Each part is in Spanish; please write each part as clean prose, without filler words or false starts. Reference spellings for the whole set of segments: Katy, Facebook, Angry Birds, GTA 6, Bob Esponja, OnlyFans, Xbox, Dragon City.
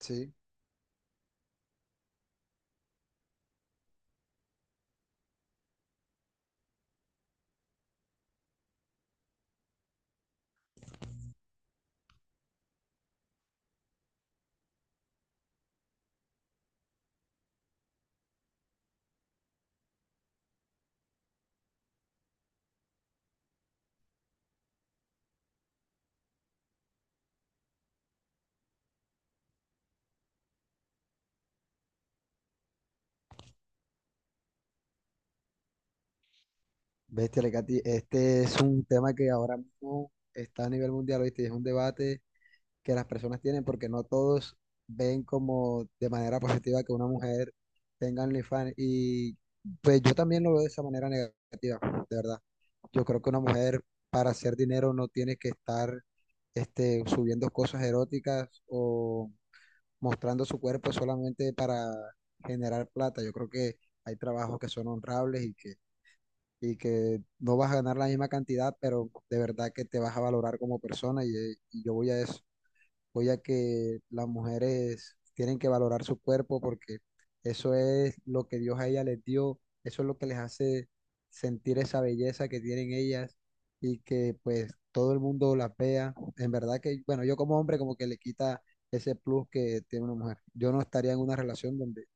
Sí, bestia Lecati, este es un tema que ahora mismo está a nivel mundial, ¿viste? Y es un debate que las personas tienen porque no todos ven como de manera positiva que una mujer tenga OnlyFans. Y pues yo también lo veo de esa manera negativa, de verdad. Yo creo que una mujer para hacer dinero no tiene que estar subiendo cosas eróticas o mostrando su cuerpo solamente para generar plata. Yo creo que hay trabajos que son honrables y que no vas a ganar la misma cantidad, pero de verdad que te vas a valorar como persona y yo voy a eso, voy a que las mujeres tienen que valorar su cuerpo porque eso es lo que Dios a ellas les dio, eso es lo que les hace sentir esa belleza que tienen ellas y que pues todo el mundo las vea. En verdad que, bueno, yo como hombre como que le quita ese plus que tiene una mujer. Yo no estaría en una relación donde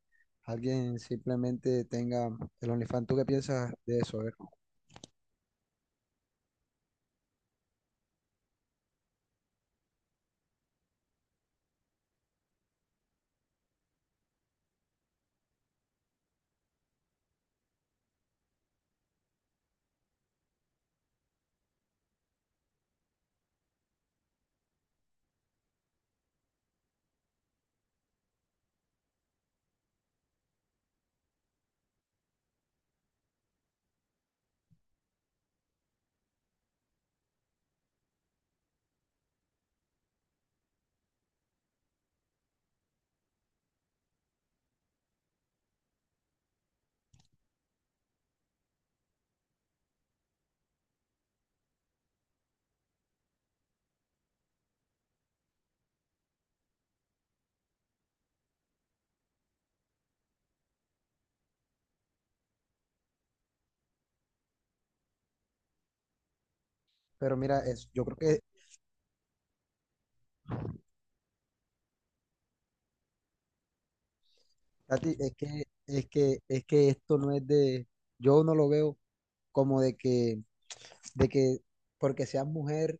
alguien simplemente tenga el OnlyFans. ¿Tú qué piensas de eso? Pero mira, yo creo que, Katy, es que esto no es de, yo no lo veo como de que porque seas mujer.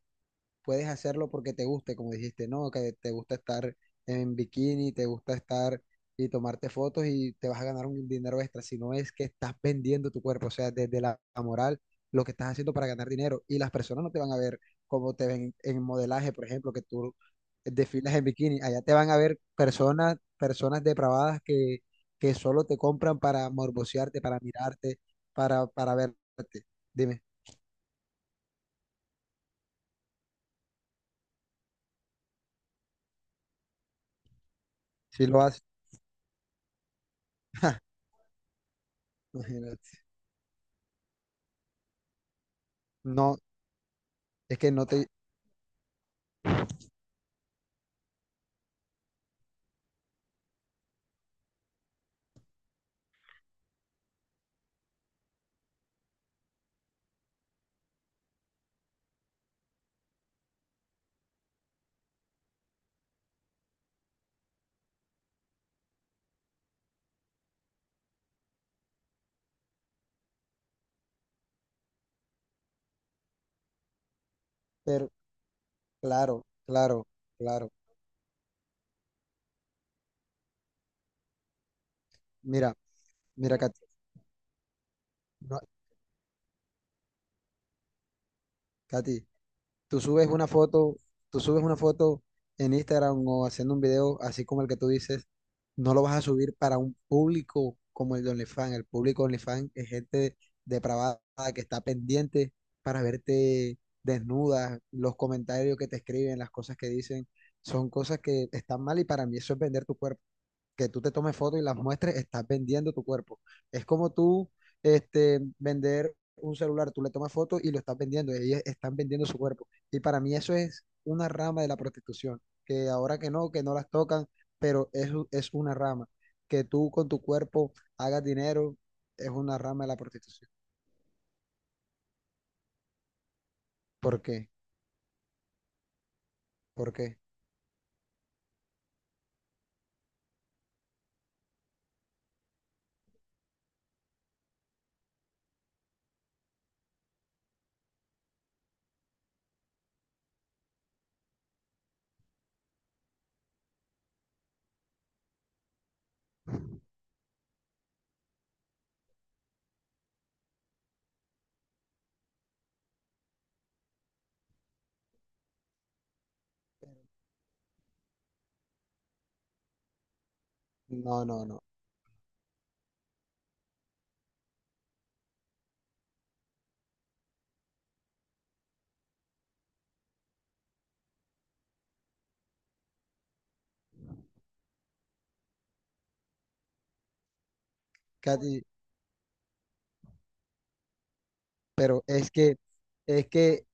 Puedes hacerlo porque te guste, como dijiste, ¿no? Que te gusta estar en bikini, te gusta estar y tomarte fotos y te vas a ganar un dinero extra, si no es que estás vendiendo tu cuerpo, o sea, desde la moral, lo que estás haciendo para ganar dinero y las personas no te van a ver como te ven en modelaje, por ejemplo, que tú desfilas en bikini, allá te van a ver personas, personas depravadas que solo te compran para morbosearte, para mirarte, para verte. Dime, si lo haces, imagínate. No. es que no te, Pero, claro, claro, claro. Mira, mira, Katy, no, Katy, tú subes una foto, tú subes una foto en Instagram o haciendo un video así como el que tú dices, no lo vas a subir para un público como el de OnlyFans. El público de OnlyFans es gente depravada que está pendiente para verte desnuda, los comentarios que te escriben, las cosas que dicen, son cosas que están mal y para mí eso es vender tu cuerpo. Que tú te tomes fotos y las muestres, estás vendiendo tu cuerpo. Es como tú vender un celular, tú le tomas fotos y lo estás vendiendo, ellos están vendiendo su cuerpo. Y para mí eso es una rama de la prostitución, que ahora que no las tocan, pero es una rama. Que tú con tu cuerpo hagas dinero es una rama de la prostitución. ¿Por qué? ¿Por qué? No, no, no. Katy, pero es que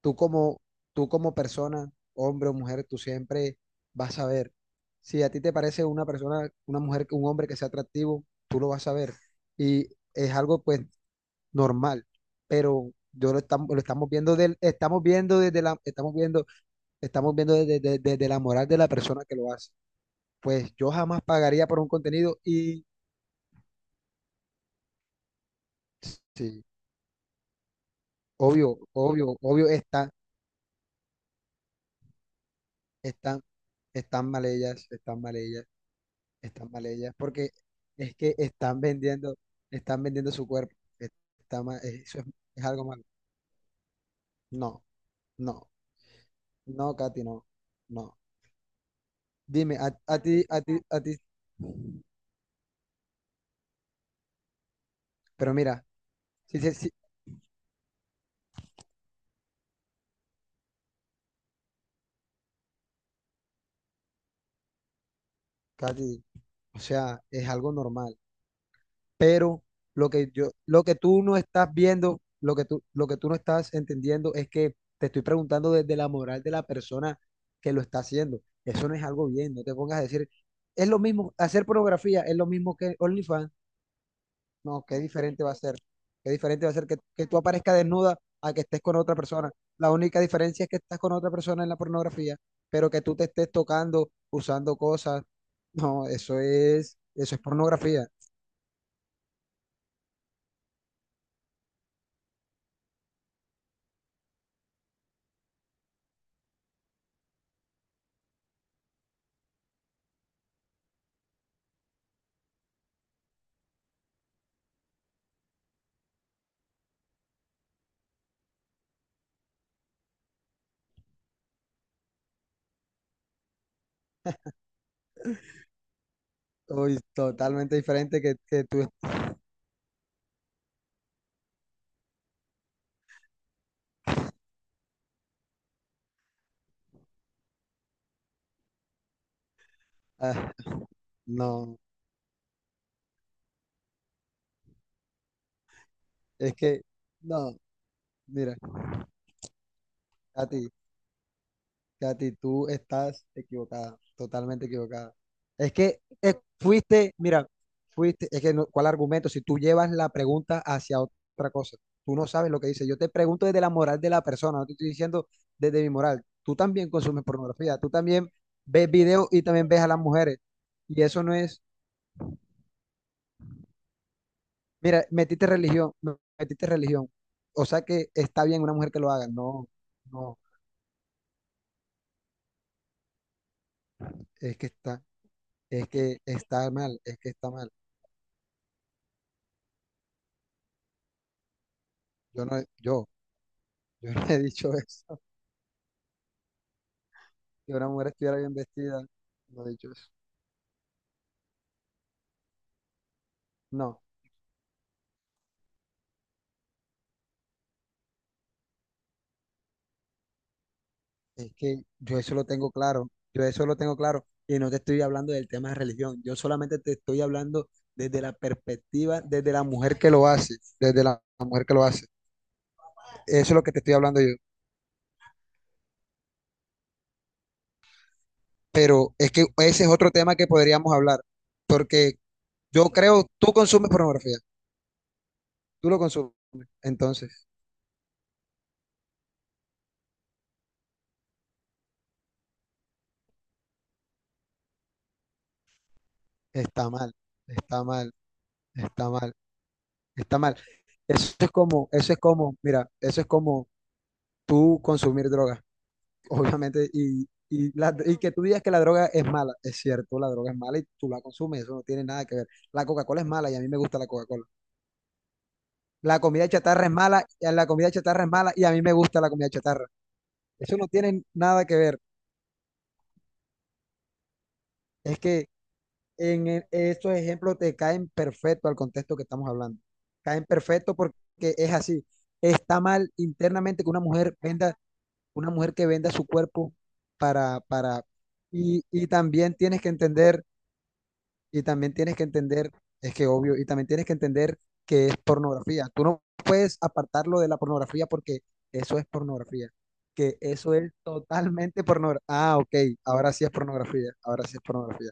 Tú como, tú como persona, hombre o mujer, tú siempre vas a ver. Si a ti te parece una persona, una mujer, un hombre que sea atractivo, tú lo vas a ver. Y es algo pues normal, pero yo lo estamos viendo del, estamos viendo desde la moral de la persona que lo hace. Pues yo jamás pagaría por un contenido y sí, obvio, obvio, obvio están, están mal ellas, están mal ellas. Están mal ellas, porque es que están vendiendo su cuerpo. Eso es algo malo. No, no, no, Katy, no, no. Dime, a ti, pero mira, sí, sí, sí, Katy, o sea, es algo normal. Pero lo que tú no estás viendo, lo que tú no estás entendiendo es que te estoy preguntando desde la moral de la persona que lo está haciendo. Eso no es algo bien, no te pongas a decir, es lo mismo, hacer pornografía es lo mismo que OnlyFans. No, qué diferente va a ser. Qué diferente va a ser que tú aparezcas desnuda a que estés con otra persona. La única diferencia es que estás con otra persona en la pornografía, pero que tú te estés tocando, usando cosas. No, eso es pornografía. Uy, totalmente diferente que tú. Ah, no, es que, no, mira, a ti. Katy, tú estás equivocada, totalmente equivocada. Es que fuiste, mira, fuiste, es que no- ¿cuál argumento? Si tú llevas la pregunta hacia otra cosa, tú no sabes lo que dice. Yo te pregunto desde la moral de la persona, no te estoy diciendo desde mi moral. Tú también consumes pornografía, tú también ves videos y también ves a las mujeres. Y eso no es, mira, metiste religión, no, metiste religión. O sea que está bien una mujer que lo haga. No, no, es que está, es que está mal, es que está mal. Yo no. Yo no he dicho eso, que una mujer estuviera bien vestida, no he dicho eso. No, es que yo eso lo tengo claro, yo eso lo tengo claro, y no te estoy hablando del tema de religión, yo solamente te estoy hablando desde la perspectiva, desde la mujer que lo hace, desde la mujer que lo hace, eso es lo que te estoy hablando yo, pero es que ese es otro tema que podríamos hablar, porque yo creo, tú consumes pornografía, tú lo consumes, entonces está mal, está mal, está mal. Está mal. Mira, eso es como tú consumir droga, obviamente, y que tú digas que la droga es mala, es cierto, la droga es mala y tú la consumes, eso no tiene nada que ver. La Coca-Cola es mala y a mí me gusta la Coca-Cola. La comida chatarra es mala, y la comida chatarra es mala y a mí me gusta la comida chatarra. Eso no tiene nada que ver. Es que estos ejemplos te caen perfecto al contexto que estamos hablando. Caen perfecto porque es así. Está mal internamente que una mujer que venda su cuerpo para, para, y también tienes que entender, y también tienes que entender, es que obvio, y también tienes que entender que es pornografía. Tú no puedes apartarlo de la pornografía porque eso es pornografía, que eso es totalmente pornografía. Ah, ok, ahora sí es pornografía, ahora sí es pornografía,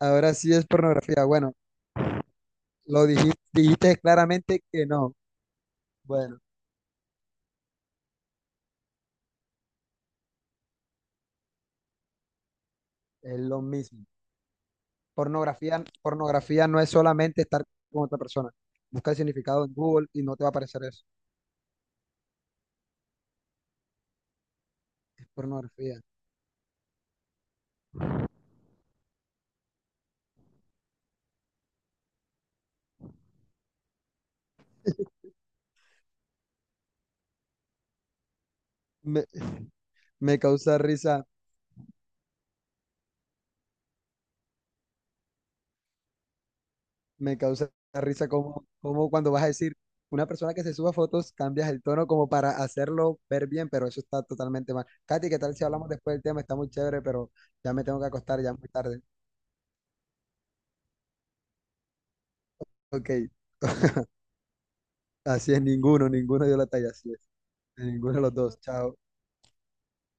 ahora sí es pornografía. Bueno, dijiste claramente que no. Bueno, es lo mismo. Pornografía no es solamente estar con otra persona. Busca el significado en Google y no te va a aparecer eso. Pornografía. Me, me causa risa, me causa risa como cuando vas a decir una persona que se suba fotos, cambias el tono como para hacerlo ver bien, pero eso está totalmente mal. Katy, ¿qué tal si hablamos después del tema? Está muy chévere, pero ya me tengo que acostar, ya es muy tarde. Ok, así es, ninguno dio la talla, así es. Ninguno de los dos, chao.